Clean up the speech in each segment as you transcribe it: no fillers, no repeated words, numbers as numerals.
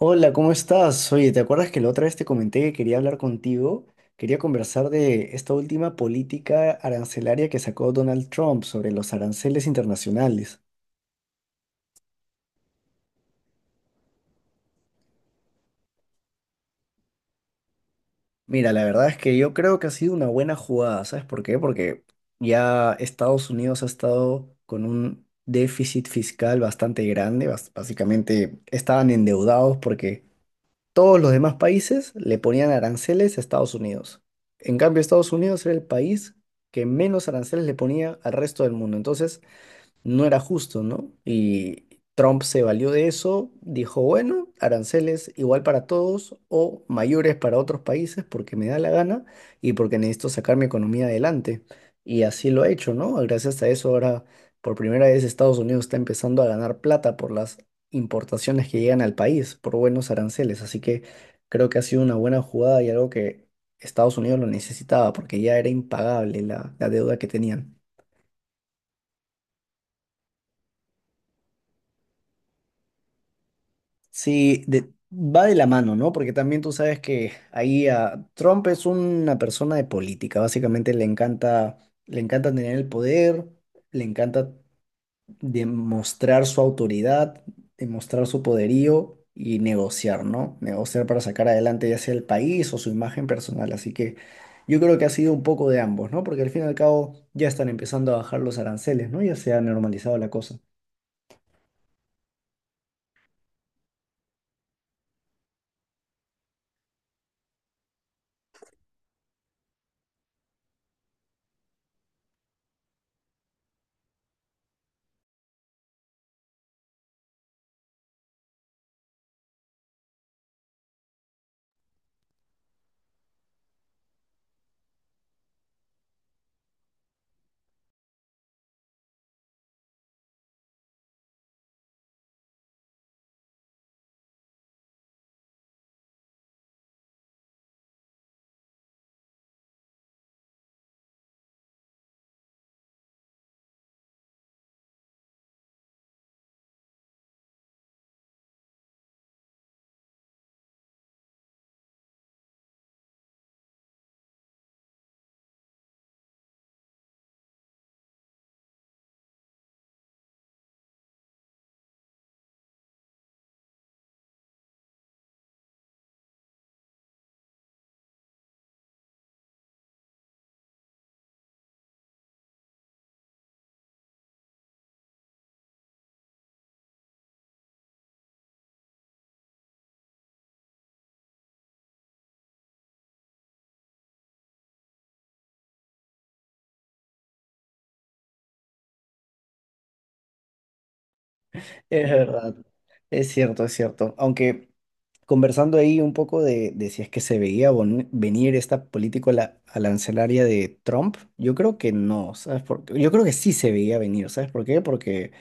Hola, ¿cómo estás? Oye, ¿te acuerdas que la otra vez te comenté que quería hablar contigo? Quería conversar de esta última política arancelaria que sacó Donald Trump sobre los aranceles internacionales. Mira, la verdad es que yo creo que ha sido una buena jugada, ¿sabes por qué? Porque ya Estados Unidos ha estado con un déficit fiscal bastante grande, básicamente estaban endeudados porque todos los demás países le ponían aranceles a Estados Unidos. En cambio, Estados Unidos era el país que menos aranceles le ponía al resto del mundo. Entonces, no era justo, ¿no? Y Trump se valió de eso, dijo, bueno, aranceles igual para todos o mayores para otros países porque me da la gana y porque necesito sacar mi economía adelante. Y así lo ha hecho, ¿no? Gracias a eso ahora, por primera vez, Estados Unidos está empezando a ganar plata por las importaciones que llegan al país, por buenos aranceles. Así que creo que ha sido una buena jugada y algo que Estados Unidos lo necesitaba porque ya era impagable la deuda que tenían. Sí, va de la mano, ¿no? Porque también tú sabes que ahí a Trump es una persona de política, básicamente le encanta tener el poder, le encanta demostrar su autoridad, demostrar su poderío y negociar, ¿no? Negociar para sacar adelante ya sea el país o su imagen personal. Así que yo creo que ha sido un poco de ambos, ¿no? Porque al fin y al cabo ya están empezando a bajar los aranceles, ¿no? Ya se ha normalizado la cosa. Es verdad, es cierto, es cierto. Aunque conversando ahí un poco de si es que se veía venir esta política arancelaria de Trump, yo creo que no, ¿sabes por qué? Yo creo que sí se veía venir, ¿sabes por qué? Porque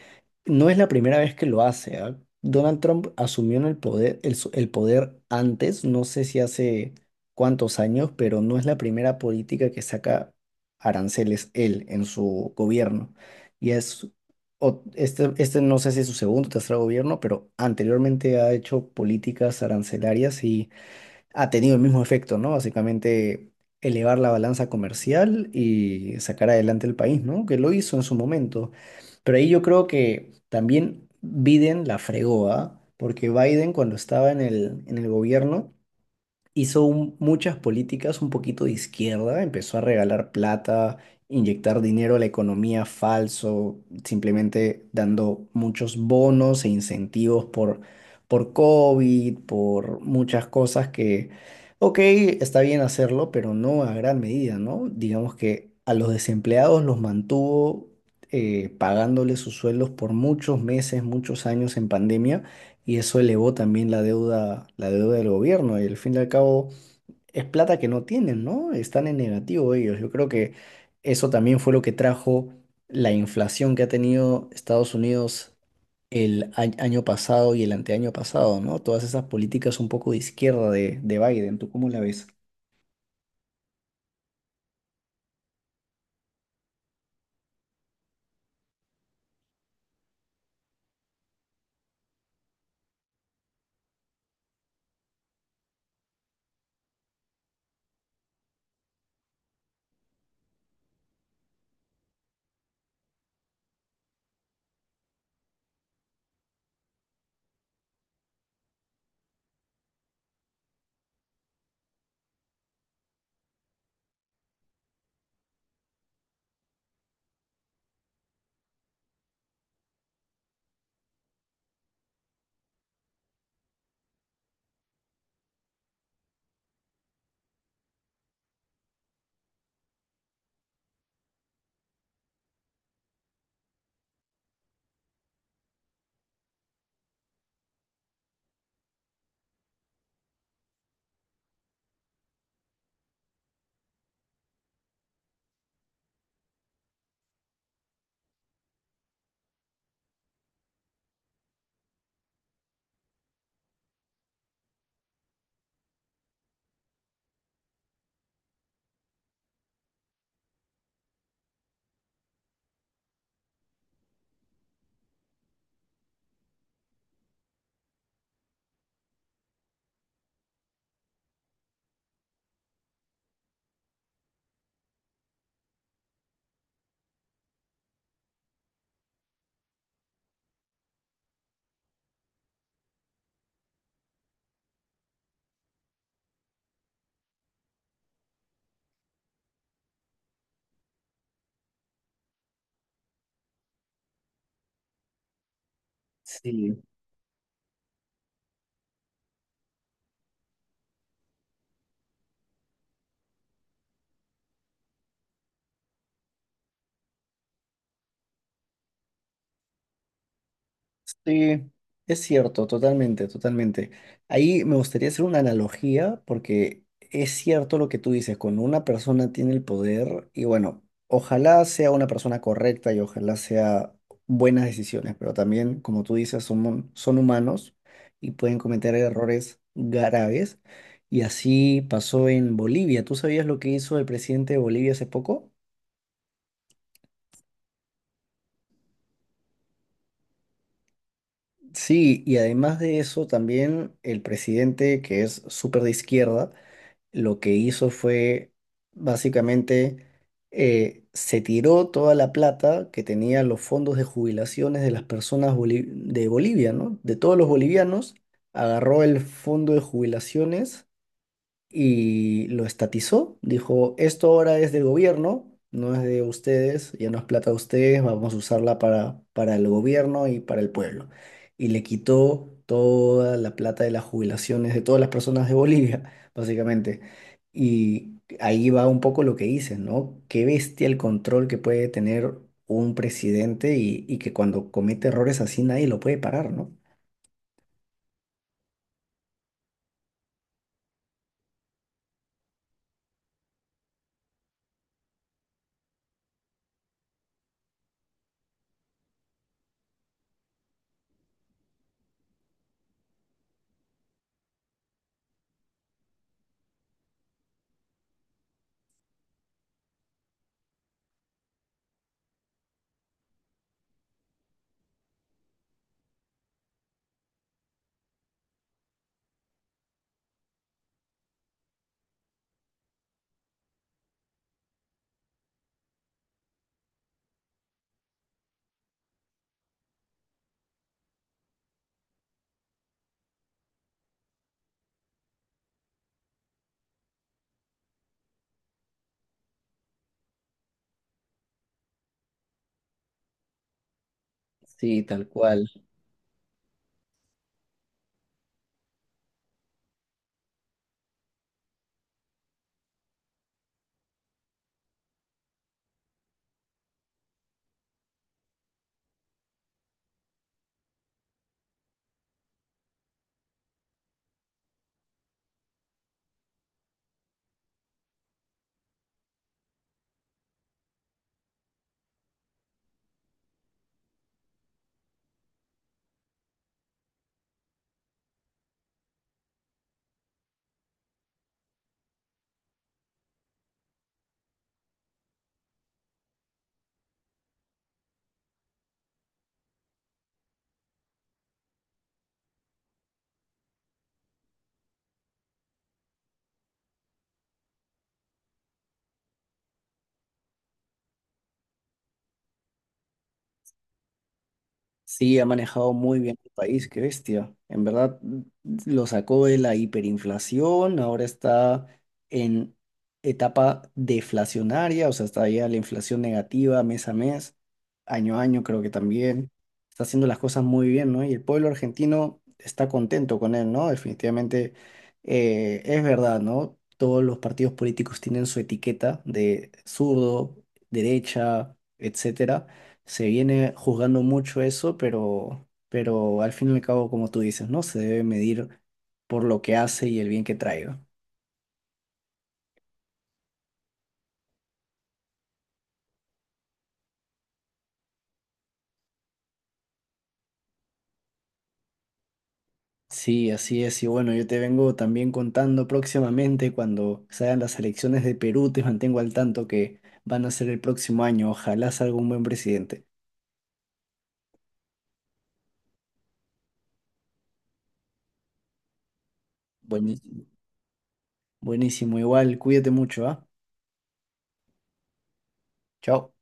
no es la primera vez que lo hace, ¿ah? Donald Trump asumió en el poder, el poder antes, no sé si hace cuántos años, pero no es la primera política que saca aranceles él en su gobierno. Y es, este no sé si es su segundo o tercer gobierno, pero anteriormente ha hecho políticas arancelarias, ha tenido el mismo efecto, ¿no? Básicamente elevar la balanza comercial y sacar adelante el país, ¿no? Que lo hizo en su momento. Pero ahí yo creo que también Biden la fregó, ¿ah? Porque Biden cuando estaba en el gobierno muchas políticas un poquito de izquierda, empezó a regalar plata, inyectar dinero a la economía falso, simplemente dando muchos bonos e incentivos por COVID, por muchas cosas que, ok, está bien hacerlo, pero no a gran medida, ¿no? Digamos que a los desempleados los mantuvo, pagándoles sus sueldos por muchos meses, muchos años en pandemia, y eso elevó también la deuda del gobierno. Y al fin y al cabo es plata que no tienen, ¿no? Están en negativo ellos. Yo creo que eso también fue lo que trajo la inflación que ha tenido Estados Unidos el año pasado y el anteaño pasado, ¿no? Todas esas políticas un poco de izquierda de Biden. ¿Tú cómo la ves? Sí. Sí, es cierto, totalmente, totalmente. Ahí me gustaría hacer una analogía porque es cierto lo que tú dices, cuando una persona tiene el poder y bueno, ojalá sea una persona correcta y ojalá sea buenas decisiones, pero también, como tú dices, son humanos y pueden cometer errores graves. Y así pasó en Bolivia. ¿Tú sabías lo que hizo el presidente de Bolivia hace poco? Sí, y además de eso, también el presidente, que es súper de izquierda, lo que hizo fue básicamente, se tiró toda la plata que tenía los fondos de jubilaciones de las personas de Bolivia, ¿no? De todos los bolivianos, agarró el fondo de jubilaciones y lo estatizó. Dijo, esto ahora es del gobierno, no es de ustedes, ya no es plata de ustedes, vamos a usarla para el gobierno y para el pueblo. Y le quitó toda la plata de las jubilaciones de todas las personas de Bolivia, básicamente. Y ahí va un poco lo que dices, ¿no? Qué bestia el control que puede tener un presidente y que cuando comete errores así nadie lo puede parar, ¿no? Sí, tal cual. Sí, ha manejado muy bien el país, qué bestia. En verdad, lo sacó de la hiperinflación, ahora está en etapa deflacionaria, o sea, está ya la inflación negativa mes a mes, año a año creo que también. Está haciendo las cosas muy bien, ¿no? Y el pueblo argentino está contento con él, ¿no? Definitivamente, es verdad, ¿no? Todos los partidos políticos tienen su etiqueta de zurdo, derecha, etcétera, se viene juzgando mucho eso, pero al fin y al cabo, como tú dices, ¿no? Se debe medir por lo que hace y el bien que traiga. Sí, así es. Y bueno, yo te vengo también contando próximamente cuando salgan las elecciones de Perú, te mantengo al tanto que van a ser el próximo año. Ojalá salga un buen presidente. Buenísimo. Buenísimo. Igual, cuídate mucho, ¿ah? Chao.